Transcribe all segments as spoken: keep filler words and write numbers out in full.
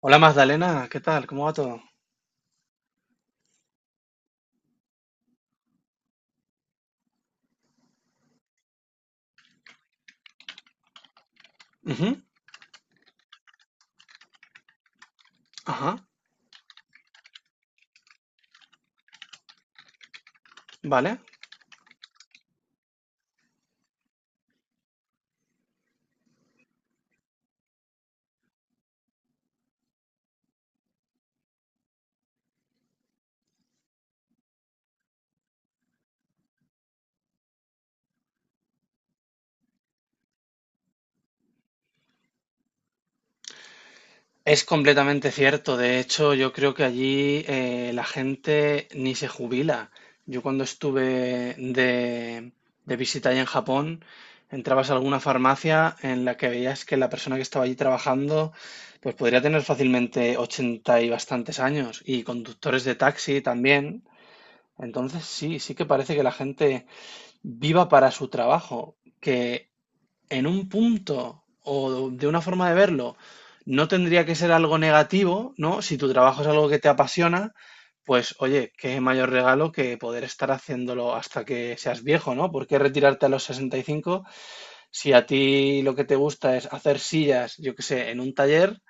Hola Magdalena, ¿qué tal? ¿Cómo va todo? Ujú, ajá, vale. Es completamente cierto. De hecho, yo creo que allí eh, la gente ni se jubila. Yo cuando estuve de, de visita allá en Japón, entrabas a alguna farmacia en la que veías que la persona que estaba allí trabajando, pues podría tener fácilmente ochenta y bastantes años, y conductores de taxi también. Entonces sí, sí que parece que la gente viva para su trabajo, que en un punto o de una forma de verlo, no tendría que ser algo negativo, ¿no? Si tu trabajo es algo que te apasiona, pues oye, qué mayor regalo que poder estar haciéndolo hasta que seas viejo, ¿no? ¿Por qué retirarte a los sesenta y cinco si a ti lo que te gusta es hacer sillas, yo qué sé, en un taller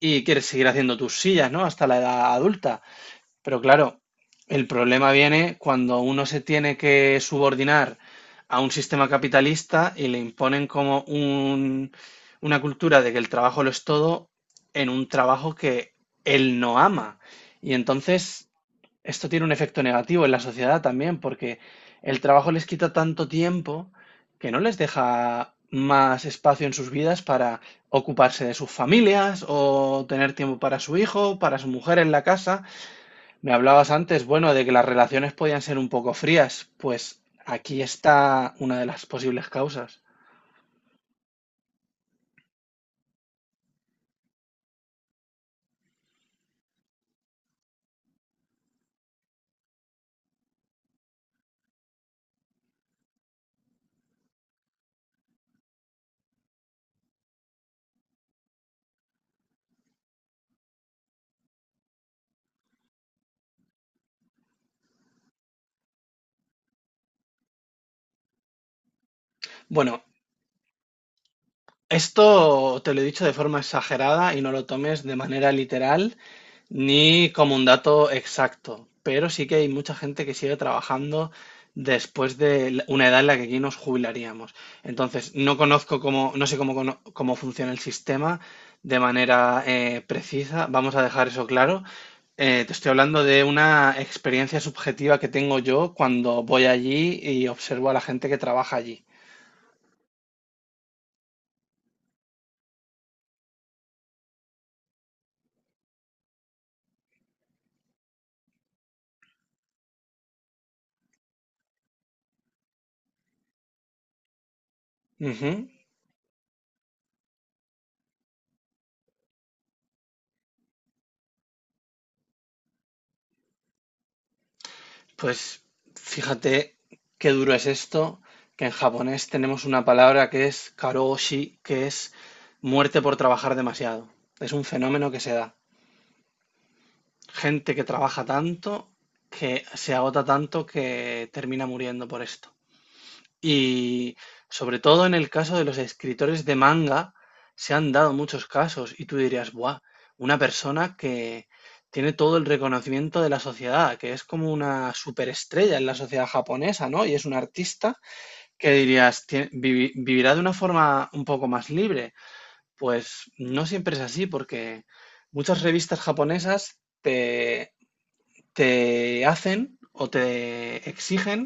y quieres seguir haciendo tus sillas? ¿No? Hasta la edad adulta. Pero claro, el problema viene cuando uno se tiene que subordinar a un sistema capitalista y le imponen como un- una cultura de que el trabajo lo es todo, en un trabajo que él no ama. Y entonces esto tiene un efecto negativo en la sociedad también, porque el trabajo les quita tanto tiempo que no les deja más espacio en sus vidas para ocuparse de sus familias o tener tiempo para su hijo, para su mujer en la casa. Me hablabas antes, bueno, de que las relaciones podían ser un poco frías. Pues aquí está una de las posibles causas. Bueno, esto te lo he dicho de forma exagerada y no lo tomes de manera literal ni como un dato exacto, pero sí que hay mucha gente que sigue trabajando después de la- una edad en la que aquí nos jubilaríamos. Entonces, no conozco cómo, no sé cómo, cono- cómo funciona el sistema de manera eh, precisa, vamos a dejar eso claro. Eh, te estoy hablando de una experiencia subjetiva que tengo yo cuando voy allí y observo a la gente que trabaja allí. Ujú. Pues fíjate qué duro es esto, que en japonés tenemos una palabra que es karoshi, que es muerte por trabajar demasiado. Es un fenómeno que se da. Gente que trabaja tanto, que se agota tanto, que termina muriendo por esto. Y sobre todo en el caso de los escritores de manga, se han dado muchos casos y tú dirías, ¡buah! Una persona que tiene todo el reconocimiento de la sociedad, que es como una superestrella en la sociedad japonesa, ¿no? Y es un artista que dirías: "Tie- vivi- vivirá de una forma un poco más libre". Pues no siempre es así, porque muchas revistas japonesas te hacen o te exigen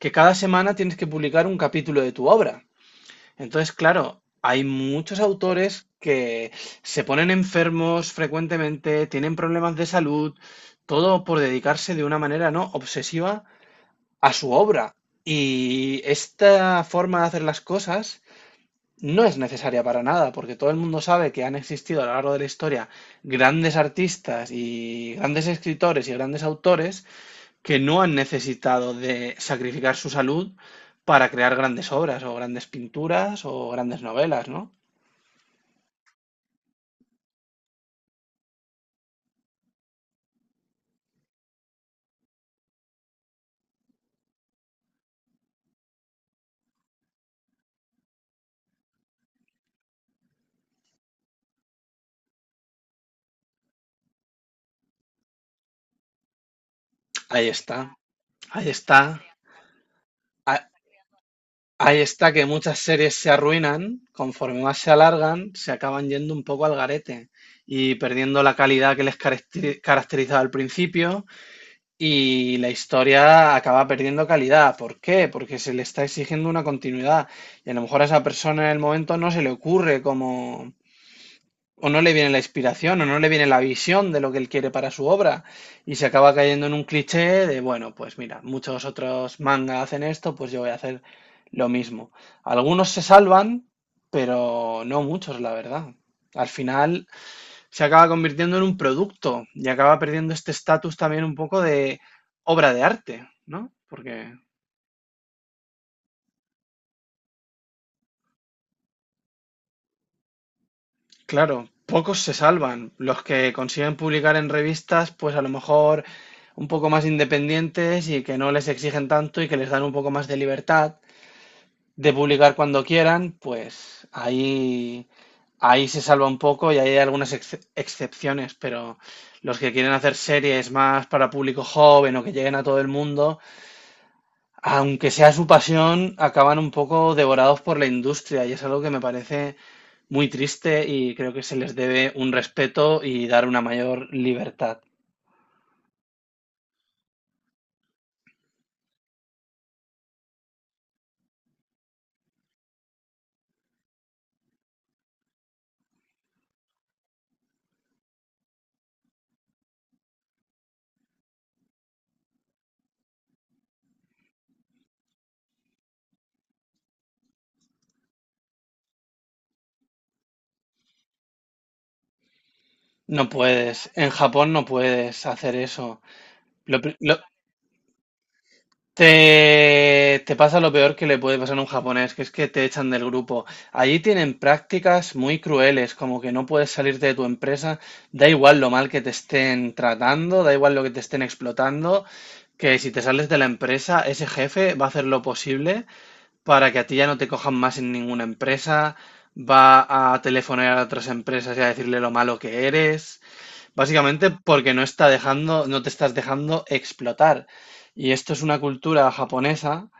que cada semana tienes que publicar un capítulo de tu obra. Entonces, claro, hay muchos autores que se ponen enfermos frecuentemente, tienen problemas de salud, todo por dedicarse de una manera no obsesiva a su obra. Y esta forma de hacer las cosas no es necesaria para nada, porque todo el mundo sabe que han existido a lo largo de la historia grandes artistas y grandes escritores y grandes autores que no han necesitado de sacrificar su salud para crear grandes obras o grandes pinturas o grandes novelas, ¿no? Ahí está, ahí está. a- Ahí está que muchas series se arruinan, conforme más se alargan, se acaban yendo un poco al garete y perdiendo la calidad que les caracteri- caracterizaba al principio, y la historia acaba perdiendo calidad. ¿Por qué? Porque se le está exigiendo una continuidad y a lo mejor a esa persona en el momento no se le ocurre cómo, o no le viene la inspiración o no le viene la visión de lo que él quiere para su obra, y se acaba cayendo en un cliché de, bueno, pues mira, muchos otros manga hacen esto, pues yo voy a hacer lo mismo. Algunos se salvan, pero no muchos, la verdad. Al final se acaba convirtiendo en un producto y acaba perdiendo este estatus también un poco de obra de arte, ¿no? Porque claro, pocos se salvan. Los que consiguen publicar en revistas, pues a lo mejor un poco más independientes y que no les exigen tanto y que les dan un poco más de libertad de publicar cuando quieran, pues ahí, ahí se salva un poco y ahí hay algunas ex- excepciones, pero los que quieren hacer series más para público joven o que lleguen a todo el mundo, aunque sea su pasión, acaban un poco devorados por la industria y es algo que me parece muy triste, y creo que se les debe un respeto y dar una mayor libertad. No puedes, en Japón no puedes hacer eso. Lo pri- lo- te, te pasa lo peor que le puede pasar a un japonés, que es que te echan del grupo. Allí tienen prácticas muy crueles, como que no puedes salirte de tu empresa, da igual lo mal que te estén tratando, da igual lo que te estén explotando, que si te sales de la empresa, ese jefe va a hacer lo posible para que a ti ya no te cojan más en ninguna empresa, va a telefonear a otras empresas y a decirle lo malo que eres, básicamente porque no está dejando, no te estás dejando explotar. Y esto es una cultura japonesa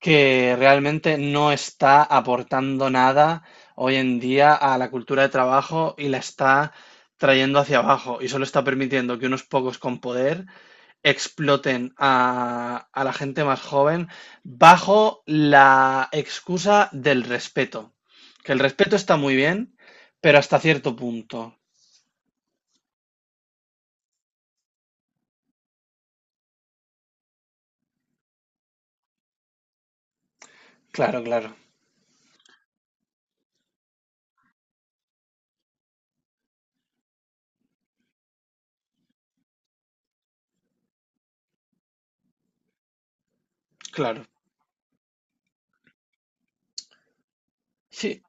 que realmente no está aportando nada hoy en día a la cultura de trabajo, y la está trayendo hacia abajo, y solo está permitiendo que unos pocos con poder exploten a, a la gente más joven bajo la excusa del respeto. Que el respeto está muy bien, pero hasta cierto punto. Claro, claro, claro. Sí,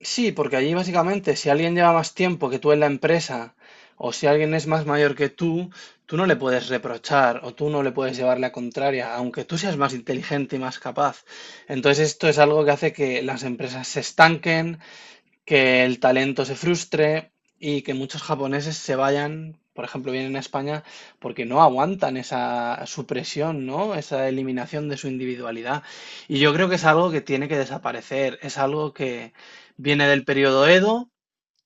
sí, porque allí básicamente si alguien lleva más tiempo que tú en la empresa o si alguien es más mayor que tú, tú no le puedes reprochar o tú no le puedes llevar la contraria, aunque tú seas más inteligente y más capaz. Entonces esto es algo que hace que las empresas se estanquen, que el talento se frustre y que muchos japoneses se vayan, por ejemplo, vienen a España porque no aguantan esa supresión, ¿no? Esa eliminación de su individualidad. Y yo creo que es algo que tiene que desaparecer, es algo que viene del periodo Edo,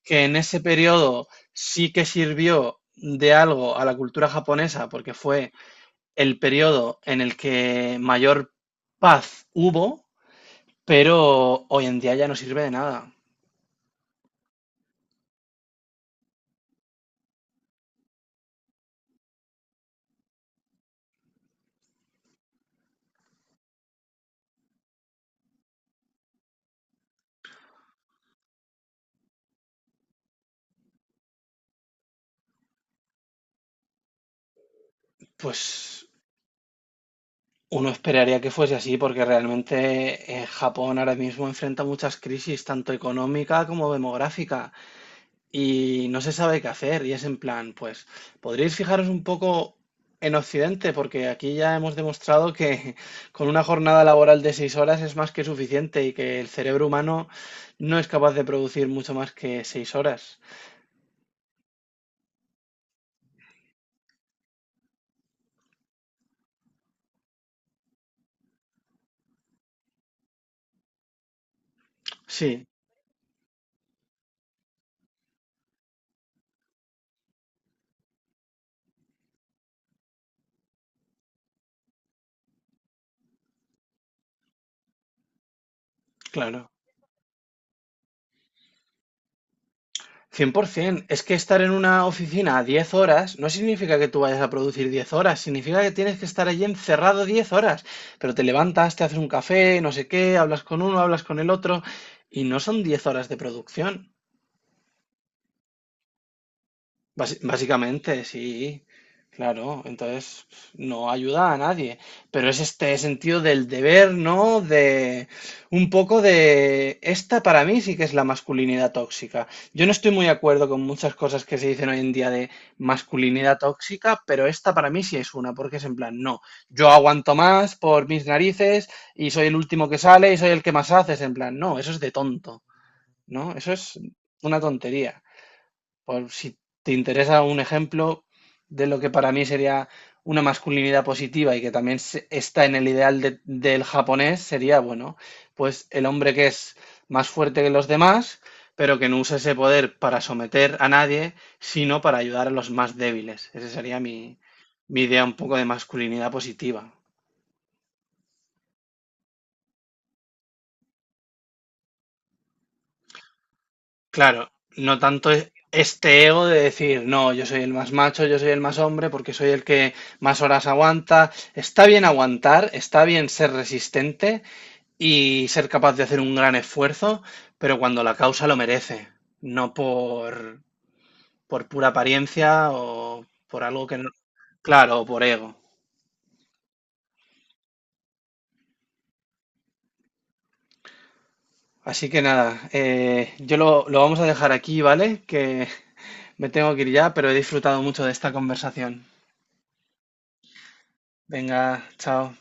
que en ese periodo sí que sirvió de algo a la cultura japonesa porque fue el periodo en el que mayor paz hubo, pero hoy en día ya no sirve de nada. Pues uno esperaría que fuese así, porque realmente eh, Japón ahora mismo enfrenta muchas crisis, tanto económica como demográfica, y no se sabe qué hacer. Y es en plan, pues, podríais fijaros un poco en Occidente, porque aquí ya hemos demostrado que con una jornada laboral de seis horas es más que suficiente y que el cerebro humano no es capaz de producir mucho más que seis horas. Sí, claro. cien por ciento. Es que estar en una oficina diez horas no significa que tú vayas a producir diez horas, significa que tienes que estar allí encerrado diez horas. Pero te levantas, te haces un café, no sé qué, hablas con uno, hablas con el otro, y no son diez horas de producción. Basi- Básicamente, sí, claro, entonces no ayuda a nadie, pero es este sentido del deber, ¿no? De un poco de esta, para mí sí que es la masculinidad tóxica. Yo no estoy muy de acuerdo con muchas cosas que se dicen hoy en día de masculinidad tóxica, pero esta para mí sí es una, porque es en plan, no, yo aguanto más por mis narices y soy el último que sale y soy el que más hace; es en plan, no, eso es de tonto, ¿no? Eso es una tontería. Por si te interesa un ejemplo de lo que para mí sería una masculinidad positiva y que también se- está en el ideal de- del japonés, sería, bueno, pues el hombre que es más fuerte que los demás, pero que no usa ese poder para someter a nadie, sino para ayudar a los más débiles. Esa sería mi, mi idea un poco de masculinidad positiva. Claro, no tanto e- este ego de decir, no, yo soy el más macho, yo soy el más hombre, porque soy el que más horas aguanta. Está bien aguantar, está bien ser resistente y ser capaz de hacer un gran esfuerzo, pero cuando la causa lo merece, no por, por pura apariencia o por algo que no... Claro, o por ego. Así que nada, eh, yo lo, lo vamos a dejar aquí, ¿vale? Que me tengo que ir ya, pero he disfrutado mucho de esta conversación. Venga, chao.